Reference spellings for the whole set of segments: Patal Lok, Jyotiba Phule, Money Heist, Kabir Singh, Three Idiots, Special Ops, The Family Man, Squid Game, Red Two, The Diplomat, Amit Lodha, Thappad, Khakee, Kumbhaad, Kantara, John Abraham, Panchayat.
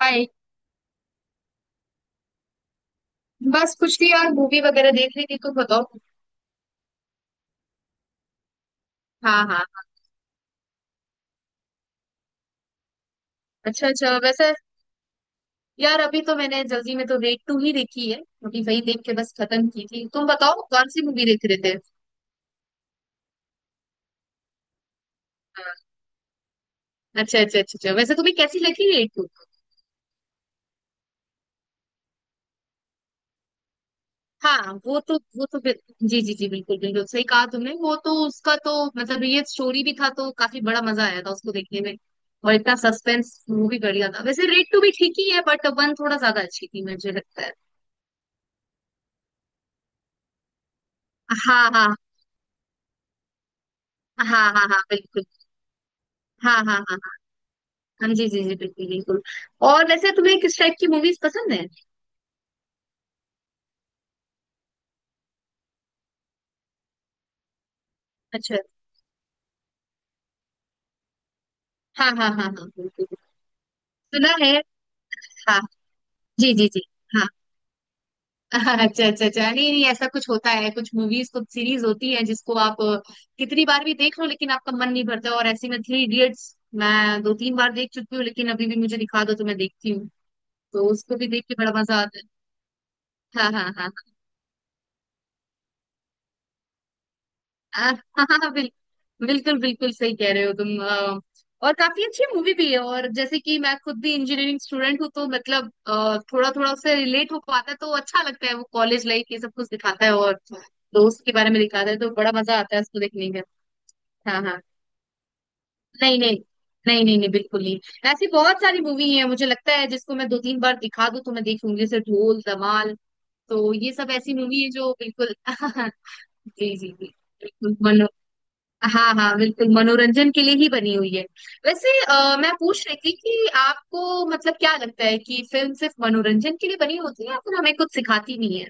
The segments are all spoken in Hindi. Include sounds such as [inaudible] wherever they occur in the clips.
हाय। बस कुछ नहीं यार, मूवी वगैरह देख रही थी। तुम बताओ। हाँ हाँ। अच्छा अच्छा। वैसे यार अभी तो मैंने जल्दी में तो रेड टू ही देखी है। अभी वही देख के बस खत्म की थी। तुम बताओ कौन सी मूवी देख रहे थे। हाँ, अच्छा अच्छा अच्छा अच्छा। वैसे तुम्हें कैसी लगी रेड टू? हाँ, जी जी जी, बिल्कुल बिल्कुल सही कहा तुमने। वो तो उसका तो मतलब ये स्टोरी भी था तो काफी बड़ा मजा आया था उसको देखने में। और इतना सस्पेंस मूवी कर लिया था। वैसे रेड टू भी ठीक ही है, बट वन थोड़ा ज्यादा अच्छी थी मुझे लगता है। हाँ हाँ हाँ हाँ। हाँ बिल्कुल। हाँ हाँ हाँ हाँ। हाँ, जी जी जी बिल्कुल बिल्कुल। और वैसे तुम्हें किस टाइप की मूवीज पसंद है? अच्छा। हाँ हाँ हाँ हाँ, बिल्कुल बिल्कुल। सुना है। हाँ। जी जी जी। हाँ। [laughs] अच्छा अच्छा अच्छा, नहीं नहीं, ऐसा कुछ होता है, कुछ मूवीज कुछ सीरीज होती है जिसको आप कितनी बार भी देख लो लेकिन आपका मन नहीं भरता। और ऐसी में थ्री इडियट्स मैं दो तीन बार देख चुकी हूँ, लेकिन अभी भी मुझे दिखा दो तो मैं देखती हूँ, तो उसको भी देख के बड़ा मजा आता है। हाँ हाँ हाँ। [laughs] हाँ हाँ, बिल्कुल बिल्कुल सही कह रहे हो तुम। और काफी अच्छी मूवी भी है। और जैसे कि मैं खुद भी इंजीनियरिंग स्टूडेंट हूँ तो मतलब थोड़ा थोड़ा उससे रिलेट हो पाता है तो अच्छा लगता है। वो कॉलेज लाइफ ये सब कुछ दिखाता है और दोस्त के बारे में दिखाता है तो बड़ा मजा आता है उसको देखने का। हाँ हाँ। नहीं नहीं। नहीं नहीं नहीं, बिल्कुल नहीं। ऐसी बहुत सारी मूवी है मुझे लगता है जिसको मैं दो तीन बार दिखा दूं तो मैं देखूंगी, जैसे ढोल धमाल, तो ये सब ऐसी मूवी है जो बिल्कुल। [laughs] जी जी जी, बिल्कुल। हाँ हाँ बिल्कुल, मनोरंजन के लिए ही बनी हुई है। वैसे मैं पूछ रही थी कि आपको मतलब क्या लगता है कि फिल्म सिर्फ मनोरंजन के लिए बनी होती है या फिर हमें कुछ सिखाती नहीं है?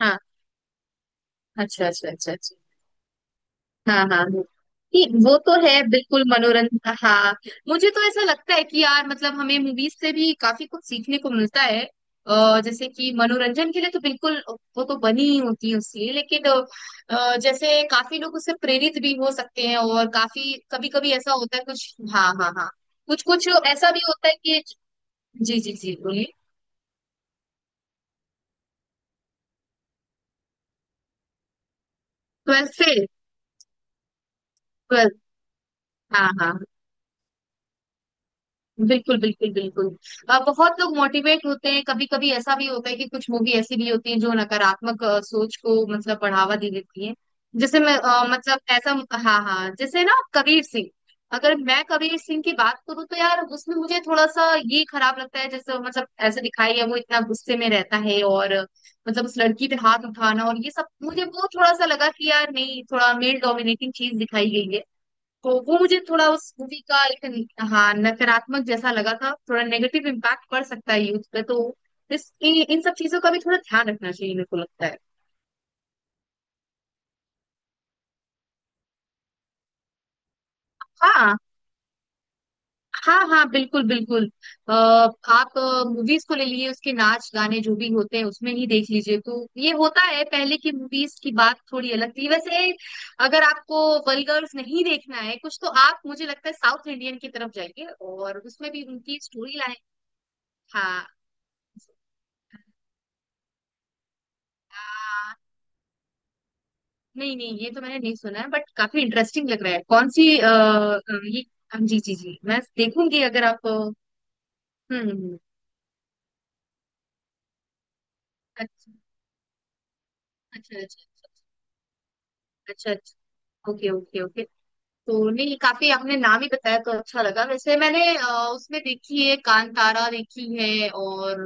हाँ। अच्छा अच्छा अच्छा अच्छा। हाँ हाँ हाँ। नहीं, वो तो है बिल्कुल मनोरंजन। हाँ, मुझे तो ऐसा लगता है कि यार मतलब हमें मूवीज से भी काफी कुछ सीखने को मिलता है। जैसे कि मनोरंजन के लिए तो बिल्कुल वो तो बनी ही होती है उसके लिए, लेकिन जैसे काफी लोग उससे प्रेरित भी हो सकते हैं और काफी कभी कभी ऐसा होता है कुछ। हाँ हाँ हाँ। कुछ कुछ ऐसा भी होता है कि जी जी जी, बोलिए। Twelfth fail. ट्वेल्थ। हाँ हाँ, बिल्कुल बिल्कुल बिल्कुल। बहुत लोग मोटिवेट होते हैं। कभी कभी ऐसा भी होता है कि कुछ मूवी ऐसी भी होती है जो नकारात्मक सोच को मतलब बढ़ावा दे देती है। जैसे मैं अ, मतलब ऐसा हाँ हाँ, जैसे ना कबीर सिंह, अगर मैं कबीर सिंह की बात करूँ तो यार उसमें मुझे थोड़ा सा ये खराब लगता है। जैसे मतलब ऐसे दिखाई है वो, इतना गुस्से में रहता है और मतलब उस लड़की पे हाथ उठाना और ये सब, मुझे वो थोड़ा सा लगा कि यार नहीं, थोड़ा मेल डोमिनेटिंग चीज दिखाई गई है। वो मुझे थोड़ा उस मूवी का एक हाँ, नकारात्मक जैसा लगा था। थोड़ा नेगेटिव इम्पैक्ट पड़ सकता है यूथ पे तो इस इन इन सब चीजों का भी थोड़ा ध्यान रखना चाहिए, मेरे को लगता है। हाँ हाँ हाँ, बिल्कुल बिल्कुल। अ, आप मूवीज को ले लिए उसके नाच गाने जो भी होते हैं उसमें ही देख लीजिए तो ये होता है। पहले की मूवीज की बात थोड़ी अलग थी। वैसे अगर आपको वल्गर्स नहीं देखना है कुछ तो आप मुझे लगता है साउथ इंडियन की तरफ जाइए, और उसमें भी उनकी स्टोरी लाइन। हाँ, नहीं नहीं, ये तो मैंने नहीं सुना है, बट काफी इंटरेस्टिंग लग रहा है। कौन सी ये जी जी जी, मैं देखूंगी अगर आप। हम्म। हम्म, हम्म। अच्छा अच्छा अच्छा। अच्छा अच्छा अच्छा, अच्छा। Okay okay okay. तो नहीं, काफी आपने नाम ही बताया तो अच्छा लगा। वैसे मैंने उसमें देखी है कांतारा देखी है। और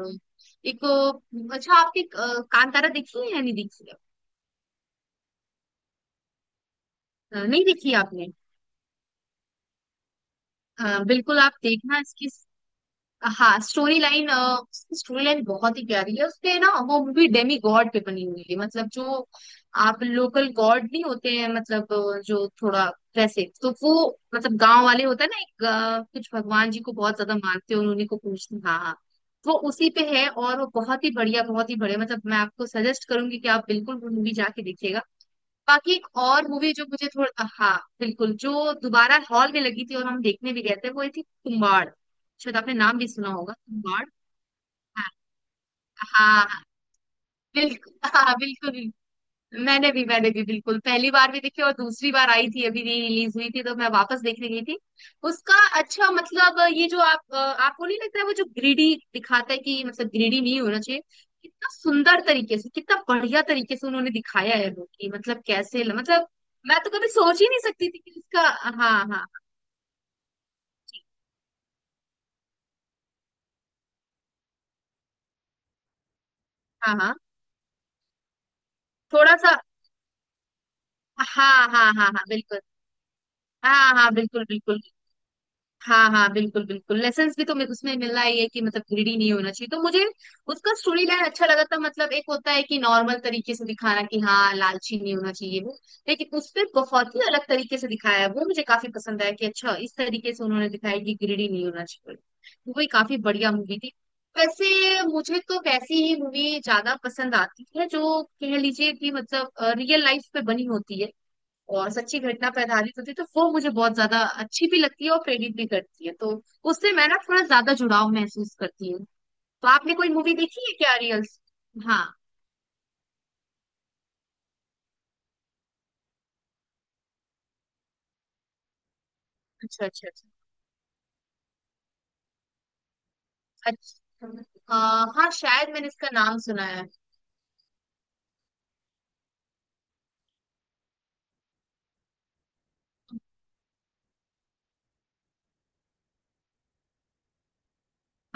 एक अच्छा आपने कांतारा देखी है या नहीं देखी है? नहीं देखी है आपने? बिल्कुल, आप देखना। इसकी हाँ, स्टोरी लाइन उसकी स्टोरी लाइन बहुत ही प्यारी है। उसपे ना वो मूवी डेमी गॉड पे बनी हुई है मतलब, जो आप लोकल गॉड नहीं होते हैं मतलब, जो थोड़ा वैसे तो वो मतलब गांव वाले होता है ना एक कुछ भगवान जी को बहुत ज्यादा मानते हैं, उन्हीं को पूछते हैं। हाँ हाँ। वो उसी पे है, और वो बहुत ही बढ़िया बहुत ही बढ़िया, मतलब मैं आपको सजेस्ट करूंगी कि आप बिल्कुल वो मूवी जाके देखिएगा। बाकी एक और मूवी जो मुझे थोड़ा हाँ बिल्कुल जो दोबारा हॉल में लगी थी और हम देखने भी गए थे वो ये थी कुम्बाड़। शायद आपने नाम भी सुना होगा, कुम्बाड़। हाँ हाँ हाँ, बिल्कुल। हाँ बिल्कुल बिल्कुल। मैंने भी बिल्कुल पहली बार भी देखी, और दूसरी बार आई थी अभी री रिलीज हुई थी तो मैं वापस देखने गई थी उसका। अच्छा मतलब ये जो आप आपको नहीं लगता है वो जो ग्रीडी दिखाता है कि मतलब ग्रीडी नहीं होना चाहिए, कितना सुंदर तरीके से कितना बढ़िया तरीके से उन्होंने दिखाया है वो, कि मतलब कैसे मतलब मैं तो कभी सोच ही नहीं सकती थी कि इसका। हाँ हाँ हाँ हाँ। थोड़ा सा। हाँ हाँ हाँ हाँ, बिल्कुल। हाँ हाँ बिल्कुल बिल्कुल। हाँ हाँ बिल्कुल बिल्कुल, लेसन्स भी तो उसमें मिल रहा ही है कि मतलब ग्रीडी नहीं होना चाहिए तो मुझे उसका स्टोरी लाइन अच्छा लगा था। मतलब एक होता है कि नॉर्मल तरीके से दिखाना कि हाँ लालची नहीं होना चाहिए वो, लेकिन उस पे बहुत ही अलग तरीके से दिखाया है वो, मुझे काफी पसंद आया कि अच्छा इस तरीके से उन्होंने दिखाया कि ग्रीडी नहीं होना चाहिए। वो ही काफी बढ़िया मूवी थी। वैसे मुझे तो वैसी ही मूवी ज्यादा पसंद आती है जो कह लीजिए कि मतलब रियल लाइफ पे बनी होती है और सच्ची घटना पे आधारित होती है, तो वो मुझे बहुत ज्यादा अच्छी भी लगती है और प्रेरित भी करती है, तो उससे मैं ना थोड़ा ज्यादा जुड़ाव महसूस करती हूँ। तो आपने कोई मूवी देखी है क्या रियल्स? हाँ। अच्छा अच्छा अच्छा अच्छा। हाँ, शायद मैंने इसका नाम सुना है।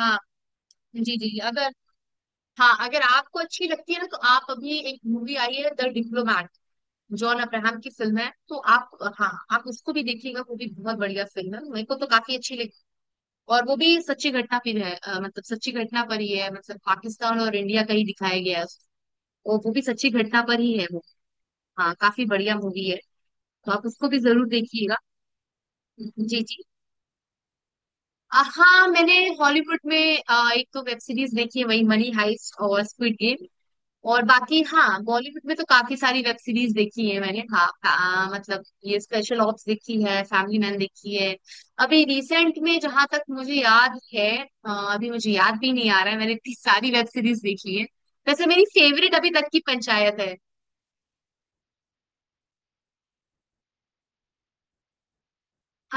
हाँ। जी जी, अगर हाँ अगर आपको अच्छी लगती है ना तो आप अभी एक मूवी आई है द डिप्लोमैट, जॉन अब्राहम की फिल्म है, तो आप हाँ आप उसको भी देखिएगा। वो भी बहुत बढ़िया फिल्म है, मेरे को तो काफी अच्छी लगी। और वो भी सच्ची घटना फिर है मतलब सच्ची घटना पर ही है, मतलब पाकिस्तान और इंडिया का ही दिखाया गया है। वो भी सच्ची घटना पर ही है वो, हाँ काफी बढ़िया मूवी है, तो आप उसको भी जरूर देखिएगा। जी जी। हाँ मैंने हॉलीवुड में एक तो वेब सीरीज देखी है वही मनी हाइस्ट और स्क्विड गेम। और बाकी हाँ बॉलीवुड में तो काफी सारी वेब सीरीज देखी है मैंने। हाँ मतलब ये स्पेशल ऑप्स देखी है, फैमिली मैन देखी है अभी रिसेंट में जहां तक मुझे याद है। अभी मुझे याद भी नहीं आ रहा है, मैंने इतनी सारी वेब सीरीज देखी है। वैसे मेरी फेवरेट अभी तक की पंचायत है।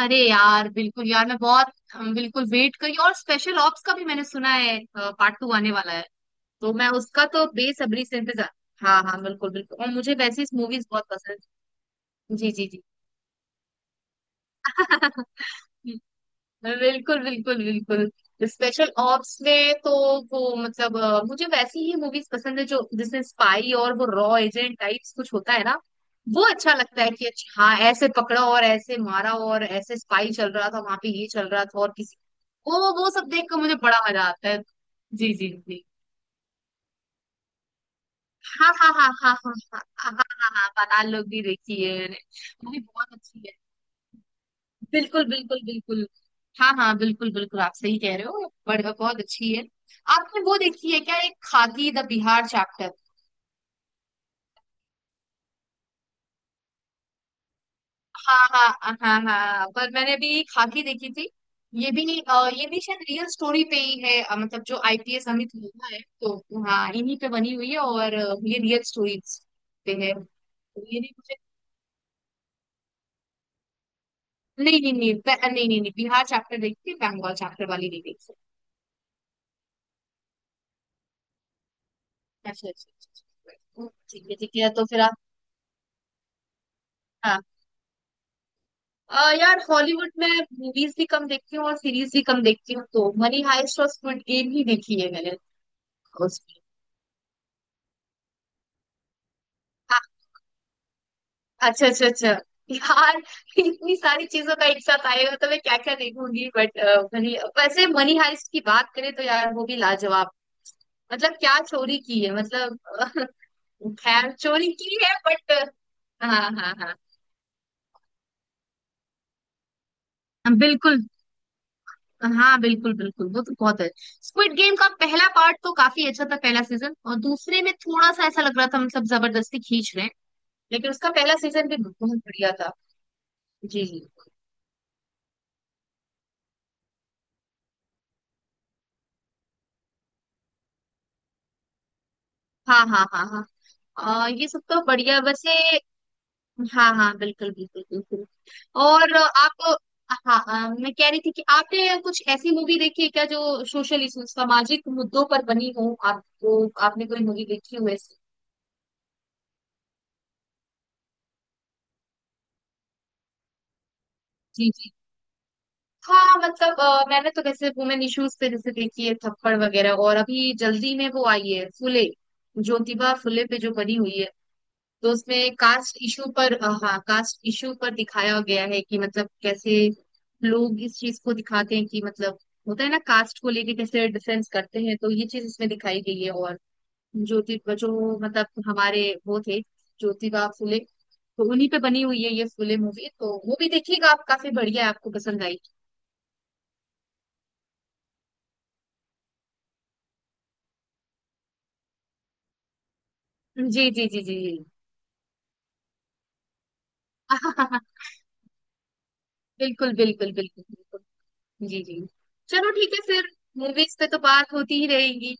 अरे यार बिल्कुल यार मैं बहुत बिल्कुल वेट करी। और स्पेशल ऑप्स का भी मैंने सुना है पार्ट टू आने वाला है, तो मैं उसका तो बेसब्री से इंतजार। हाँ हाँ बिल्कुल बिल्कुल, और मुझे वैसी मूवीज बहुत पसंद है। जी जी जी। [laughs] बिल्कुल बिल्कुल बिल्कुल। स्पेशल ऑप्स में तो वो मतलब मुझे वैसी ही मूवीज पसंद है जो जिसमें स्पाई और वो रॉ एजेंट टाइप्स कुछ होता है ना, वो अच्छा लगता है कि अच्छा हाँ ऐसे पकड़ा और ऐसे मारा और ऐसे स्पाई चल रहा था वहां पे ये चल रहा था और किसी, वो सब देख कर मुझे बड़ा मजा आता है। जी जी जी। हाँ हाँ हाँ हाँ हाँ हाँ हाँ। हाँ हाँ हाँ, पाताल लोक भी देखी है मैंने। वो भी बहुत अच्छी है। बिल्कुल बिल्कुल बिल्कुल। हाँ हाँ बिल्कुल बिल्कुल, आप सही कह रहे हो, बढ़िया, बहुत अच्छी है। आपने वो देखी है क्या, एक खाकी द बिहार चैप्टर? हाँ हाँ हाँ हाँ, पर मैंने भी खाकी देखी थी। ये भी ये भी शायद रियल स्टोरी पे ही है, मतलब जो आईपीएस अमित लोढ़ा है तो हाँ इन्हीं पे बनी हुई है, और ये रियल स्टोरी पे है, तो ये भी मुझे। नहीं नहीं नहीं, नहीं नहीं नहीं, बिहार चैप्टर देखी थी, बंगाल चैप्टर वाली नहीं देखी। अच्छा अच्छा अच्छा, अच्छा। अच्छा। ठीक है ठीक है, तो फिर आप। हाँ यार हॉलीवुड में मूवीज भी कम देखती हूँ और सीरीज भी कम देखती हूँ, तो मनी हाइस्ट और स्क्विड गेम ही देखी है मैंने। उसकी आ- अच्छा अच्छा अच्छा। यार [laughs] इतनी सारी चीजों का एक साथ आएगा तो मैं क्या क्या देखूंगी, बट मनी वैसे मनी हाइस्ट की बात करें तो यार वो भी लाजवाब, मतलब क्या चोरी की है मतलब [laughs] खैर चोरी की है बट। हाँ हाँ हाँ बिल्कुल। हाँ बिल्कुल बिल्कुल, वो तो बहुत है। स्क्विड गेम का पहला पार्ट तो काफी अच्छा था, पहला सीजन, और दूसरे में थोड़ा सा ऐसा लग रहा था मतलब जबरदस्ती खींच रहे हैं, लेकिन उसका पहला सीजन भी बहुत बढ़िया था। जी जी। हाँ हाँ हाँ हाँ। ये सब तो बढ़िया वैसे। हाँ हाँ बिल्कुल बिल्कुल बिल्कुल। और आप हाँ मैं कह रही थी कि आपने कुछ ऐसी मूवी देखी है क्या जो सोशल इशू, सामाजिक मुद्दों पर बनी हो? आपको आपने कोई मूवी देखी हो ऐसी? जी जी। हाँ हाँ, मतलब मैंने तो वैसे वुमेन इश्यूज पे जैसे देखी है थप्पड़ वगैरह, और अभी जल्दी में वो आई है फुले, ज्योतिबा फुले पे जो बनी हुई है, तो उसमें कास्ट इशू पर हाँ कास्ट इशू पर दिखाया गया है कि मतलब कैसे लोग इस चीज को दिखाते हैं कि मतलब होता है ना कास्ट को लेके कैसे डिफेंस करते हैं, तो ये चीज इसमें दिखाई गई है। और ज्योति जो मतलब हमारे वो थे, ज्योतिबा फुले, तो उन्हीं पे बनी हुई है ये फुले मूवी, तो वो भी देखिएगा आप, काफी बढ़िया है, आपको पसंद आई। जी जी जी जी जी। [laughs] बिल्कुल बिल्कुल बिल्कुल बिल्कुल। जी जी। चलो ठीक है फिर, मूवीज पे तो बात होती ही रहेगी।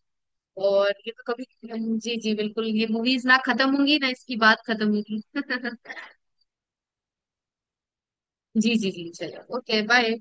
और ये तो कभी, जी जी बिल्कुल, ये मूवीज ना खत्म होंगी ना इसकी बात खत्म होगी। [laughs] जी जी जी, चलो ओके बाय।